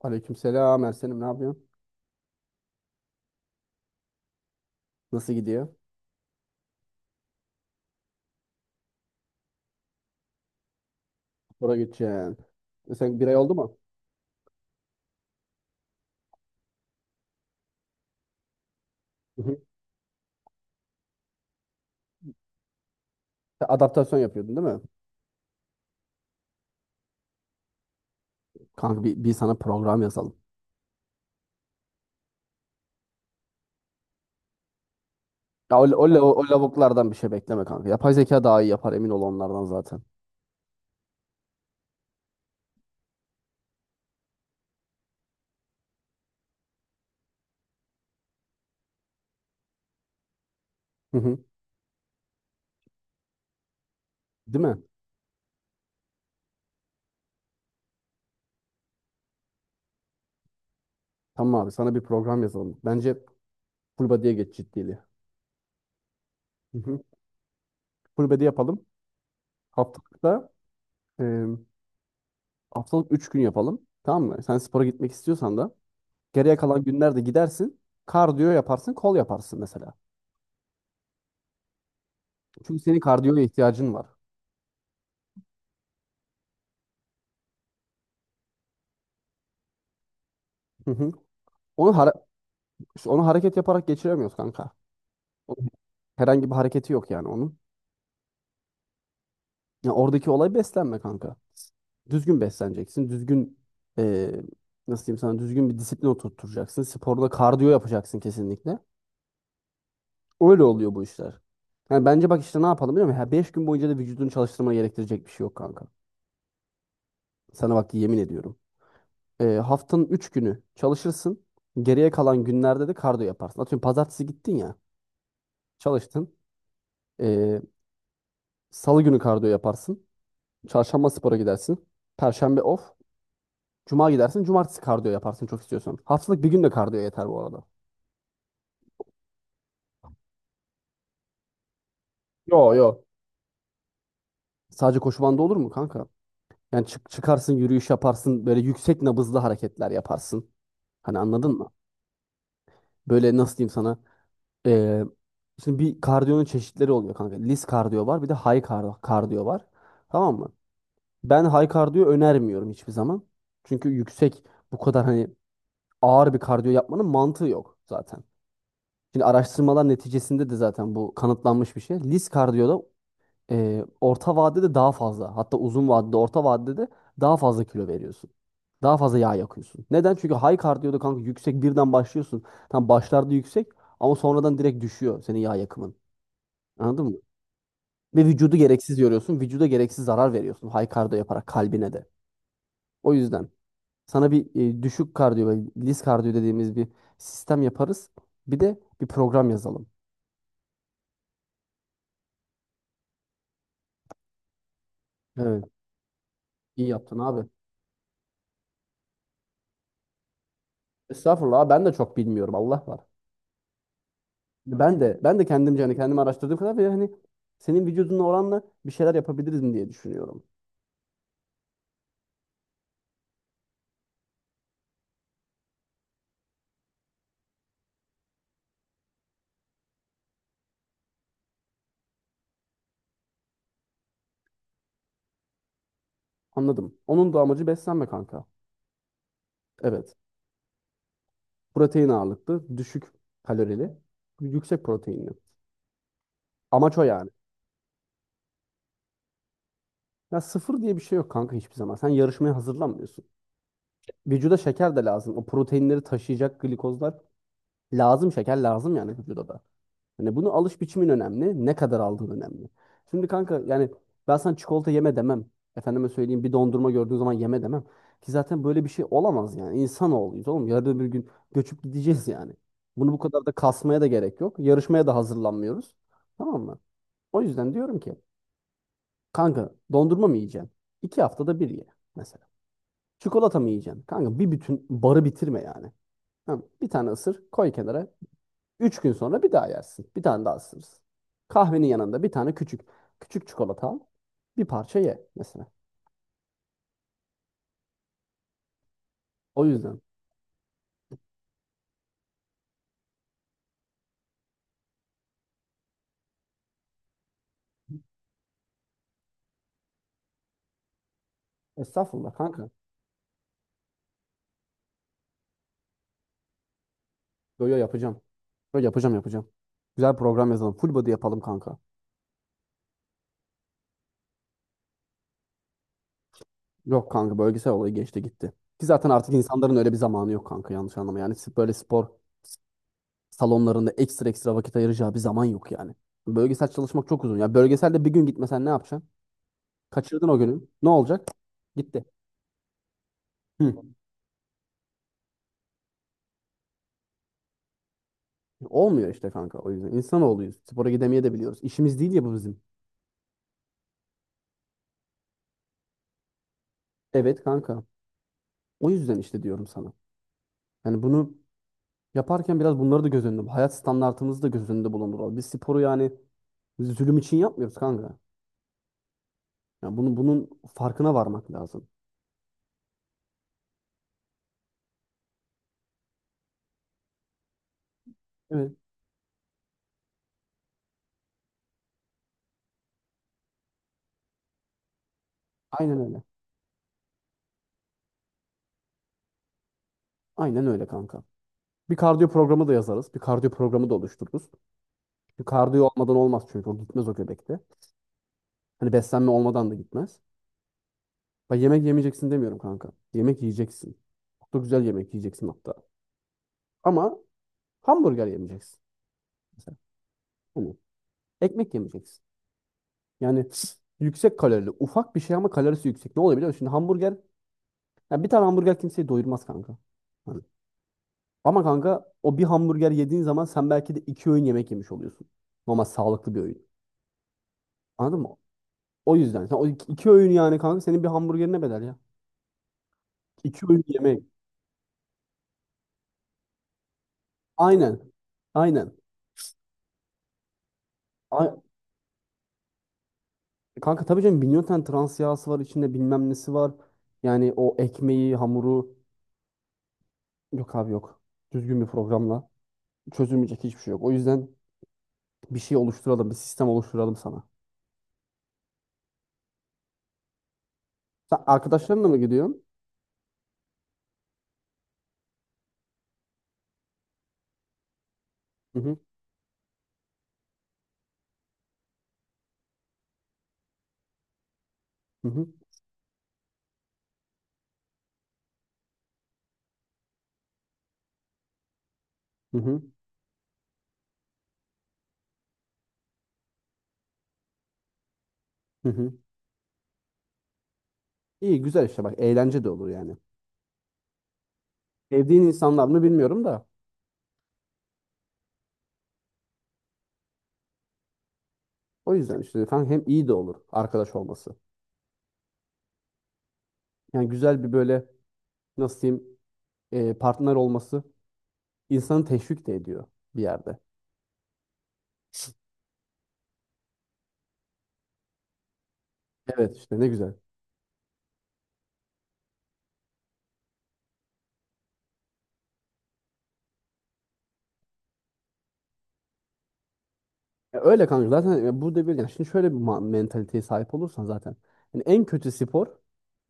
Aleykümselam Ersen'im ne yapıyorsun? Nasıl gidiyor? Spora gideceksin. E sen bir ay oldu mu? Hı hı. Sen adaptasyon yapıyordun değil mi? Kanka bir sana program yazalım. Ya o lavuklardan bir şey bekleme kanka. Yapay zeka daha iyi yapar emin ol onlardan zaten. Hı hı. Değil mi? Tamam abi sana bir program yazalım. Bence full body'ye geç ciddiliği. Hı hı. Full body yapalım. Haftalıkta e, haftalık 3 gün yapalım. Tamam mı? Sen spora gitmek istiyorsan da geriye kalan günlerde gidersin. Kardiyo yaparsın, kol yaparsın mesela. Çünkü senin kardiyoya ihtiyacın var. Hı hı. Onu hara- onu hareket yaparak geçiremiyoruz kanka. Onun herhangi bir hareketi yok yani onun. Ya oradaki olay beslenme kanka. Düzgün besleneceksin. Düzgün e, nasıl diyeyim sana düzgün bir disiplin oturtacaksın. Sporda kardiyo yapacaksın kesinlikle. Öyle oluyor bu işler. Yani bence bak işte ne yapalım biliyor musun? 5 gün boyunca da vücudunu çalıştırmana gerektirecek bir şey yok kanka. Sana bak yemin ediyorum. Haftanın 3 günü çalışırsın. Geriye kalan günlerde de kardiyo yaparsın. Atıyorum pazartesi gittin ya çalıştın. Salı günü kardiyo yaparsın. Çarşamba spora gidersin. Perşembe off. Cuma gidersin. Cumartesi kardiyo yaparsın çok istiyorsan. Haftalık bir gün de kardiyo yeter bu arada. Yo yo. Sadece koşu bandı olur mu kanka? Yani çık çıkarsın yürüyüş yaparsın. Böyle yüksek nabızlı hareketler yaparsın. Hani anladın mı? Böyle nasıl diyeyim sana? Ee, Şimdi bir kardiyonun çeşitleri oluyor kanka. Lis kardiyo var bir de kardiyo var. Tamam mı? Ben high kardiyo önermiyorum hiçbir zaman. Çünkü yüksek bu kadar hani ağır bir kardiyo yapmanın mantığı yok zaten. Şimdi araştırmalar neticesinde de zaten bu kanıtlanmış bir şey. Lis kardiyoda orta vadede daha fazla hatta uzun vadede orta vadede daha fazla kilo veriyorsun. Daha fazla yağ yakıyorsun. Neden? Çünkü high kardiyoda kanka yüksek birden başlıyorsun. Tam başlarda yüksek ama sonradan direkt düşüyor senin yağ yakımın. Anladın mı? Ve vücudu gereksiz yoruyorsun. Vücuda gereksiz zarar veriyorsun high kardiyo yaparak kalbine de. O yüzden sana bir düşük kardiyo ve lis kardiyo dediğimiz bir sistem yaparız. Bir de bir program yazalım. Evet. İyi yaptın abi. Estağfurullah ben de çok bilmiyorum Allah var. Ben de kendimce hani kendimi araştırdığım kadar ve hani senin vücuduna oranla bir şeyler yapabiliriz diye düşünüyorum. Anladım. Onun da amacı beslenme kanka. Evet. Protein ağırlıklı, düşük kalorili, yüksek proteinli. Amaç o yani. Ya sıfır diye bir şey yok kanka hiçbir zaman. Sen yarışmaya hazırlanmıyorsun. Vücuda şeker de lazım. O proteinleri taşıyacak glikozlar lazım. Şeker lazım yani vücuda da. Hani bunu alış biçimin önemli. Ne kadar aldığın önemli. Şimdi kanka yani ben sana çikolata yeme demem. Efendime söyleyeyim bir dondurma gördüğün zaman yeme demem. Ki zaten böyle bir şey olamaz yani. İnsanoğluyuz oğlum. Yarın bir gün göçüp gideceğiz yani. Bunu bu kadar da kasmaya da gerek yok. Yarışmaya da hazırlanmıyoruz. Tamam mı? O yüzden diyorum ki kanka dondurma mı yiyeceksin? 2 haftada bir ye mesela. Çikolata mı yiyeceksin? Kanka bir bütün barı bitirme yani. Tamam, bir tane ısır koy kenara. 3 gün sonra bir daha yersin. Bir tane daha ısırırsın. Kahvenin yanında bir tane küçük küçük çikolata al. Bir parça ye mesela. O yüzden. Estağfurullah kanka. Yo yo yapacağım. Yo yapacağım yapacağım. Güzel program yazalım. Full body yapalım kanka. Yok kanka bölgesel olayı geçti gitti. Ki zaten artık insanların öyle bir zamanı yok kanka yanlış anlama. Yani böyle spor salonlarında ekstra ekstra vakit ayıracağı bir zaman yok yani. Bölgesel çalışmak çok uzun. Ya bölgeselde bir gün gitmesen ne yapacaksın? Kaçırdın o günü. Ne olacak? Gitti. Hı. Olmuyor işte kanka o yüzden. İnsanoğluyuz. Spora gidemeye de biliyoruz. İşimiz değil ya bu bizim. Evet kanka. O yüzden işte diyorum sana. Yani bunu yaparken biraz bunları da göz önünde. Hayat standartımızı da göz önünde bulunduralım. Biz sporu yani zulüm için yapmıyoruz kanka. Yani bunu, bunun farkına varmak lazım. Evet. Aynen öyle. Aynen öyle kanka. Bir kardiyo programı da yazarız. Bir kardiyo programı da oluştururuz. Bir kardiyo olmadan olmaz çünkü o gitmez o göbekte. Hani beslenme olmadan da gitmez. Bak yemek yemeyeceksin demiyorum kanka. Yemek yiyeceksin. Çok da güzel yemek yiyeceksin hatta. Ama hamburger yemeyeceksin. Mesela. Hani ekmek yemeyeceksin. Yani yüksek kalorili. Ufak bir şey ama kalorisi yüksek. Ne oluyor biliyor musun? Şimdi hamburger. Ya bir tane hamburger kimseyi doyurmaz kanka. Hani. Ama kanka o bir hamburger yediğin zaman sen belki de 2 öğün yemek yemiş oluyorsun. Ama sağlıklı bir öğün. Anladın mı? O yüzden. Sen o iki öğün yani kanka senin bir hamburgerine bedel ya. 2 öğün yemek. Aynen. Aynen. Ay- Kanka tabii canım milyon tane trans yağısı var içinde bilmem nesi var. Yani o ekmeği, hamuru. Yok abi yok. Düzgün bir programla çözülmeyecek hiçbir şey yok. O yüzden bir şey oluşturalım, bir sistem oluşturalım sana. Sen arkadaşlarınla mı gidiyorsun? Hı hı, hı hı, hı hı, hı hı. İyi güzel işte bak eğlence de olur yani. Sevdiğin insanlar mı bilmiyorum da. O yüzden işte efendim hem iyi de olur arkadaş olması. Yani güzel bir böyle nasıl diyeyim partner olması insanı teşvik de ediyor bir yerde. Evet işte ne güzel. Ya öyle kanka zaten ya burada bir yani şimdi şöyle bir mentaliteye sahip olursan zaten yani en kötü spor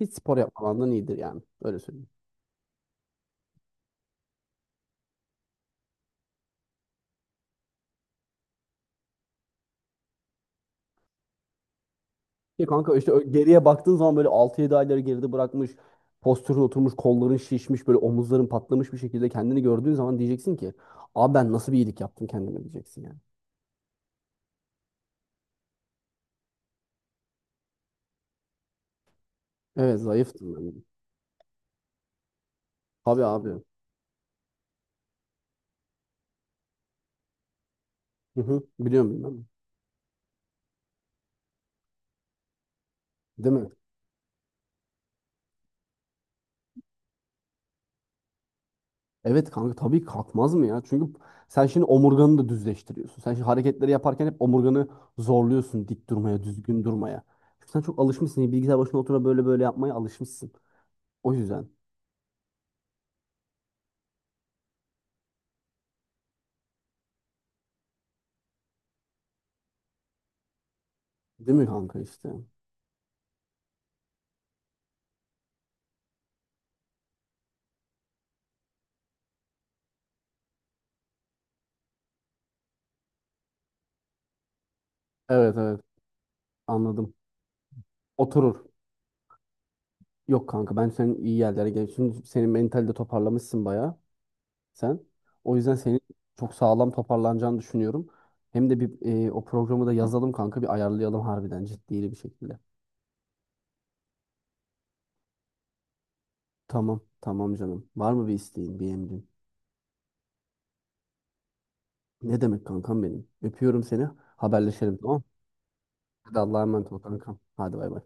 hiç spor yapmamandan iyidir yani öyle söyleyeyim. Ya kanka işte geriye baktığın zaman böyle 6-7 ayları geride bırakmış, postürün oturmuş, kolların şişmiş, böyle omuzların patlamış bir şekilde kendini gördüğün zaman diyeceksin ki abi ben nasıl bir iyilik yaptım kendime diyeceksin yani. Evet zayıftım ben. Tabii abi. Hı hı. Biliyorum bilmem. Değil mi? Evet kanka tabii kalkmaz mı ya? Çünkü sen şimdi omurganı da düzleştiriyorsun. Sen şimdi hareketleri yaparken hep omurganı zorluyorsun dik durmaya, düzgün durmaya. Çünkü sen çok alışmışsın. Bilgisayar başına oturup böyle böyle yapmaya alışmışsın. O yüzden. Değil mi kanka işte? Evet evet anladım. Oturur. Yok kanka ben senin iyi yerlere gelmişsin. Senin mentali de toparlamışsın bayağı sen. O yüzden senin çok sağlam toparlanacağını düşünüyorum. Hem de bir o programı da yazalım kanka bir ayarlayalım harbiden ciddi bir şekilde. Tamam, tamam canım. Var mı bir isteğin, bir emrin? Ne demek kankam benim? Öpüyorum seni. Haberleşelim tamam mı? Hadi Allah'a emanet ol kankam. Hadi bay bay.